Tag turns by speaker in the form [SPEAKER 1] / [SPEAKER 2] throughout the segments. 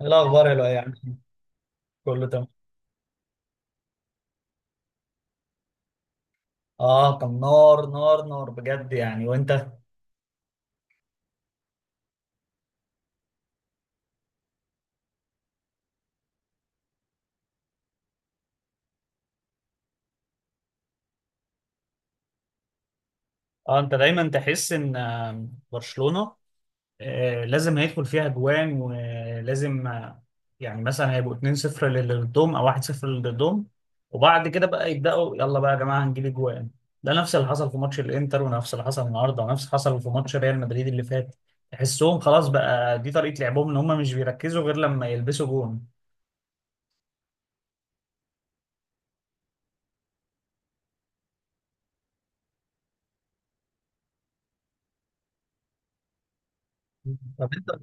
[SPEAKER 1] إيه الاخبار يا لؤي يعني؟ كله تمام. اه، كان نار نار نار بجد يعني، وانت؟ اه، انت دايما تحس ان برشلونة لازم هيدخل فيها جوان، ولازم يعني مثلا هيبقوا 2-0 للي ضدهم او 1-0 للي ضدهم، وبعد كده بقى يبداوا، يلا بقى يا جماعه هنجيب جوان. ده نفس اللي حصل في ماتش الانتر، ونفس اللي حصل النهارده، ونفس اللي حصل في ماتش ريال مدريد اللي فات. تحسهم خلاص بقى دي طريقه لعبهم، ان هم مش بيركزوا غير لما يلبسوا جون. طب،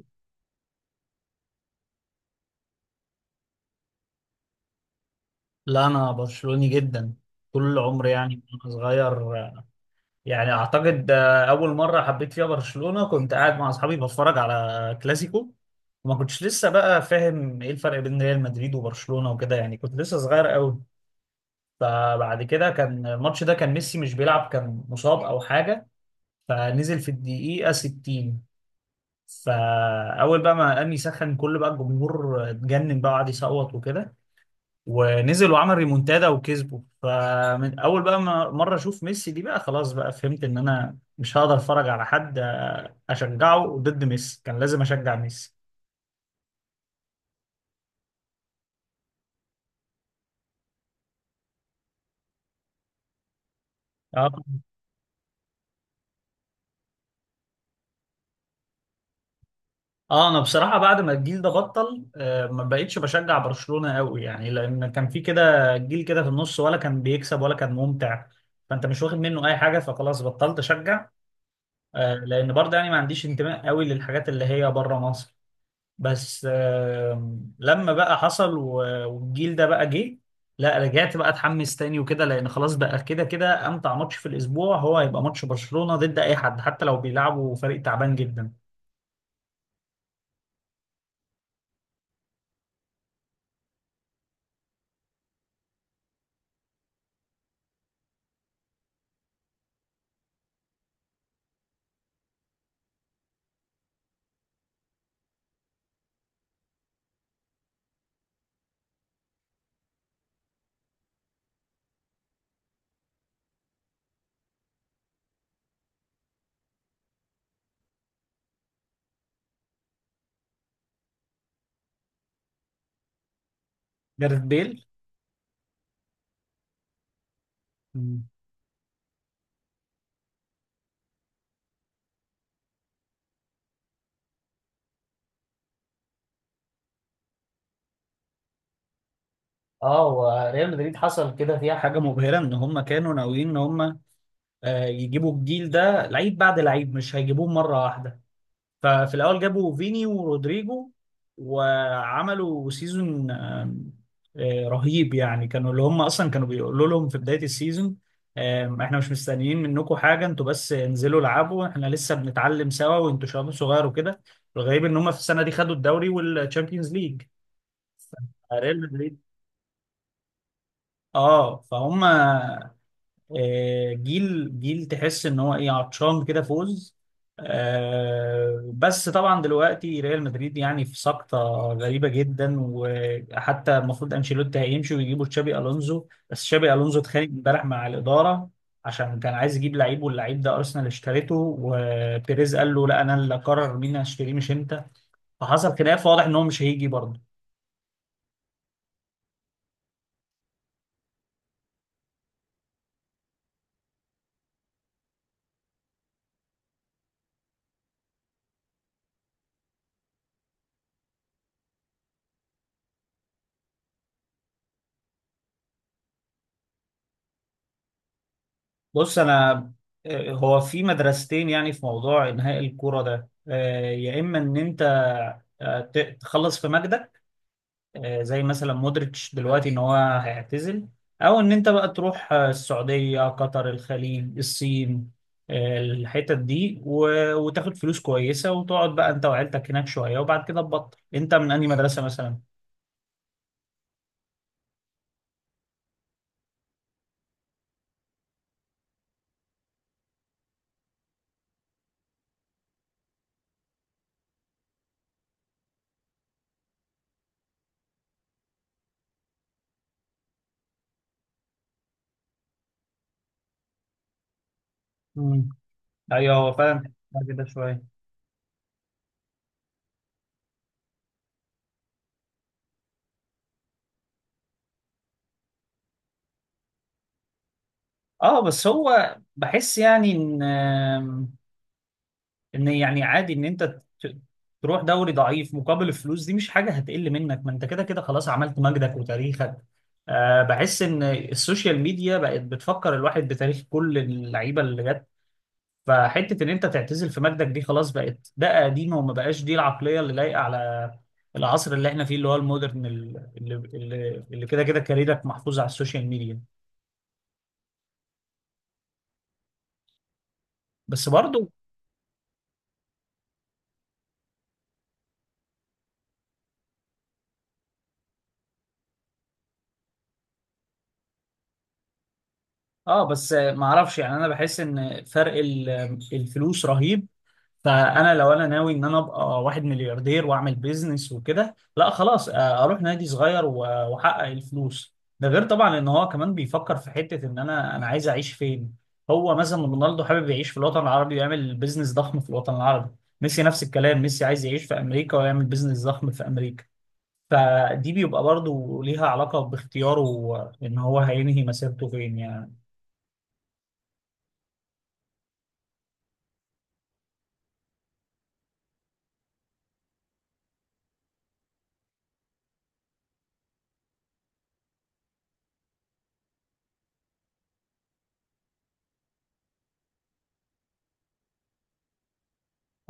[SPEAKER 1] لا انا برشلوني جدا، طول عمري يعني من وانا صغير. يعني اعتقد اول مره حبيت فيها برشلونه كنت قاعد مع اصحابي بتفرج على كلاسيكو، وما كنتش لسه بقى فاهم ايه الفرق بين ريال مدريد وبرشلونه وكده، يعني كنت لسه صغير قوي. فبعد كده كان الماتش ده كان ميسي مش بيلعب، كان مصاب او حاجه، فنزل في الدقيقه 60. فاول بقى ما قام يسخن، كل بقى الجمهور اتجنن بقى وقعد يصوت وكده، ونزل وعمل ريمونتادا وكسبه. فمن اول بقى ما مره اشوف ميسي دي، بقى خلاص بقى فهمت ان انا مش هقدر اتفرج على حد اشجعه ضد ميسي، كان لازم اشجع ميسي. اه. اه، انا بصراحه بعد ما الجيل ده بطل، ما بقتش بشجع برشلونه قوي يعني، لان كان في كده جيل كده في النص، ولا كان بيكسب ولا كان ممتع، فانت مش واخد منه اي حاجه، فخلاص بطلت اشجع. لان برضه يعني ما عنديش انتماء قوي للحاجات اللي هي بره مصر. بس لما بقى حصل والجيل ده بقى جه، لا رجعت بقى اتحمس تاني وكده، لان خلاص بقى كده كده امتع ماتش في الاسبوع هو هيبقى ماتش برشلونة ضد اي حد، حتى لو بيلعبوا فريق تعبان جدا. جاريث بيل. مم. اه، وريال مدريد حصل كده فيها حاجه مبهره، ان هم كانوا ناويين ان هم يجيبوا الجيل ده لعيب بعد لعيب، مش هيجيبوه مره واحده. ففي الاول جابوا فيني ورودريجو، وعملوا سيزون رهيب يعني. كانوا اللي هم اصلا كانوا بيقولوا لهم في بدايه السيزون احنا مش مستنيين منكم حاجه، انتوا بس انزلوا العبوا، احنا لسه بنتعلم سوا وانتوا شباب صغير وكده. الغريب ان هم في السنه دي خدوا الدوري والتشامبيونز ليج. ريال مدريد. اه، فهم جيل جيل تحس ان هو ايه عطشان كده فوز. بس طبعا دلوقتي ريال مدريد يعني في سقطة غريبة جدا، وحتى المفروض انشيلوتي هيمشي ويجيبوا تشابي الونزو، بس تشابي الونزو اتخانق امبارح مع الإدارة، عشان كان عايز يجيب لعيب، واللعيب ده ارسنال اشتريته، وبيريز قال له لا انا اللي اقرر مين هشتريه مش انت. فحصل خلاف واضح ان هو مش هيجي برضه. بص انا هو في مدرستين يعني في موضوع انهاء الكوره ده. يا اما ان انت تخلص في مجدك، زي مثلا مودريتش دلوقتي ان هو هيعتزل. او ان انت بقى تروح السعوديه، قطر، الخليج، الصين، الحتت دي، وتاخد فلوس كويسه، وتقعد بقى انت وعيلتك هناك شويه، وبعد كده تبطل انت من انهي مدرسه مثلا. مم. ايوه، هو فعلا كده شويه. اه، بس هو بحس يعني ان يعني عادي ان انت تروح دوري ضعيف مقابل الفلوس دي، مش حاجه هتقل منك، ما انت كده كده خلاص عملت مجدك وتاريخك. أه، بحس ان السوشيال ميديا بقت بتفكر الواحد بتاريخ كل اللعيبه اللي جت، فحته ان انت تعتزل في مجدك دي خلاص بقت ده قديمه، وما بقاش دي العقليه اللي لايقه على العصر اللي احنا فيه، اللي هو المودرن اللي كده كده كاريرك محفوظ على السوشيال ميديا. بس برضو. اه، بس ما اعرفش يعني، انا بحس ان فرق الفلوس رهيب. فانا لو انا ناوي ان انا ابقى واحد ملياردير واعمل بيزنس وكده، لا خلاص، اروح نادي صغير واحقق الفلوس ده، غير طبعا ان هو كمان بيفكر في حتة ان انا عايز اعيش فين. هو مثلا رونالدو حابب يعيش في الوطن العربي ويعمل بيزنس ضخم في الوطن العربي. ميسي نفس الكلام، ميسي عايز يعيش في امريكا ويعمل بيزنس ضخم في امريكا. فدي بيبقى برضو ليها علاقة باختياره ان هو هينهي مسيرته فين يعني.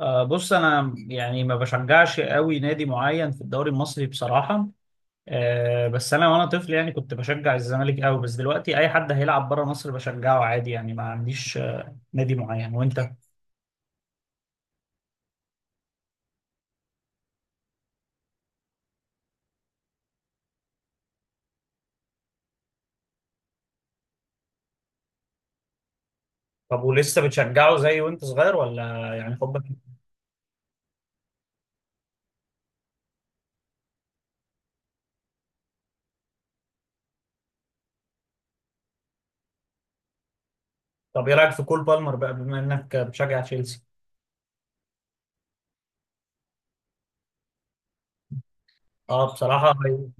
[SPEAKER 1] بص انا يعني ما بشجعش قوي نادي معين في الدوري المصري بصراحة. بس انا وانا طفل يعني كنت بشجع الزمالك قوي، بس دلوقتي اي حد هيلعب بره مصر بشجعه عادي يعني، ما عنديش نادي معين. وانت؟ طب، ولسه بتشجعه زي وانت صغير، ولا يعني حبك؟ طب، ايه رايك في كول بالمر بقى، بما انك بتشجع تشيلسي؟ اه، بصراحه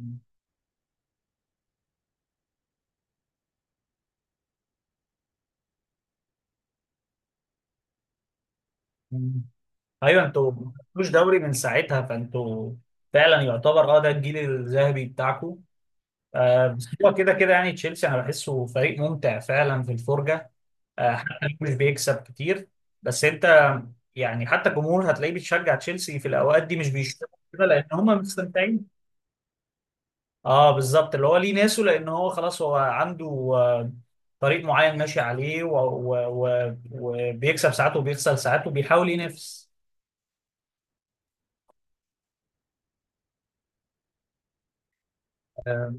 [SPEAKER 1] ايوه، انتوا ما خدتوش دوري من ساعتها، فانتوا فعلا يعتبر، اه ده الجيل الذهبي بتاعكم. آه، بس هو كده كده يعني تشيلسي انا بحسه فريق ممتع فعلا في الفرجه، حتى لو مش بيكسب كتير. بس انت يعني حتى الجمهور هتلاقيه بيشجع تشيلسي في الاوقات دي، مش بيشتغل كده، لان هم مستمتعين. اه، بالظبط، اللي هو ليه ناسه، لان هو خلاص هو عنده آه، طريق معين ماشي عليه وبيكسب ساعات وبيخسر ساعات وبيحاول ينافس. آه،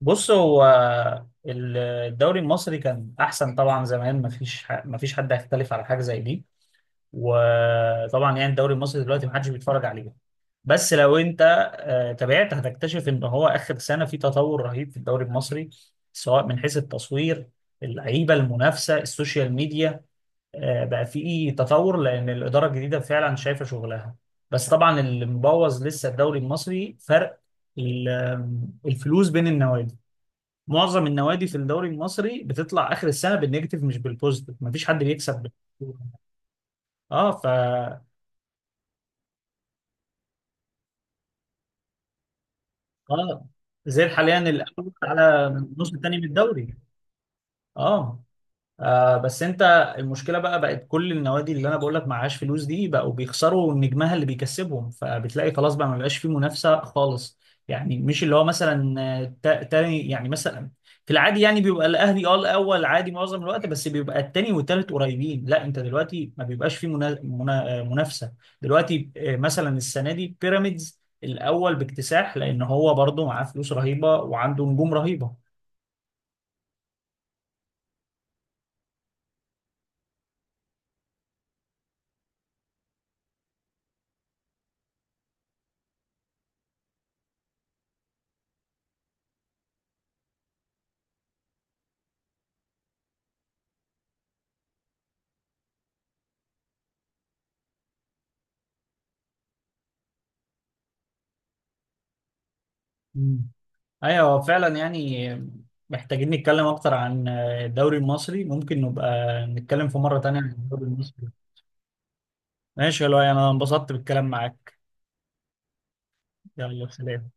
[SPEAKER 1] بص، هو الدوري المصري كان احسن طبعا زمان، مفيش حد هيختلف على حاجه زي دي. وطبعا يعني الدوري المصري دلوقتي محدش بيتفرج عليه. بس لو انت تابعت هتكتشف ان هو اخر سنه في تطور رهيب في الدوري المصري، سواء من حيث التصوير، اللعيبه، المنافسه، السوشيال ميديا، بقى في تطور، لان الاداره الجديده فعلا شايفه شغلها. بس طبعا اللي مبوظ لسه الدوري المصري فرق ال- الفلوس بين النوادي. معظم النوادي في الدوري المصري بتطلع اخر السنه بالنيجاتيف مش بالبوزيتيف، مفيش حد بيكسب. اه، اه، زي حاليا الاول على النص الثاني من الدوري. اه. آه، بس انت، المشكله بقى بقت كل النوادي اللي انا بقول لك معهاش فلوس دي بقوا بيخسروا نجمها اللي بيكسبهم، فبتلاقي خلاص بقى ما بقاش فيه منافسه خالص. يعني مش اللي هو مثلا تاني يعني مثلا، في العادي يعني بيبقى الاهلي اه الاول عادي معظم الوقت، بس بيبقى التاني والتالت قريبين، لا انت دلوقتي ما بيبقاش فيه منافسه. دلوقتي مثلا السنه دي بيراميدز الاول باكتساح، لان هو برضه معاه فلوس رهيبه وعنده نجوم رهيبه. ايوه، هو فعلا يعني. محتاجين نتكلم اكتر عن الدوري المصري، ممكن نبقى نتكلم في مرة تانية عن الدوري المصري. ماشي يا لؤي، انا انبسطت بالكلام معاك. يلا، سلام.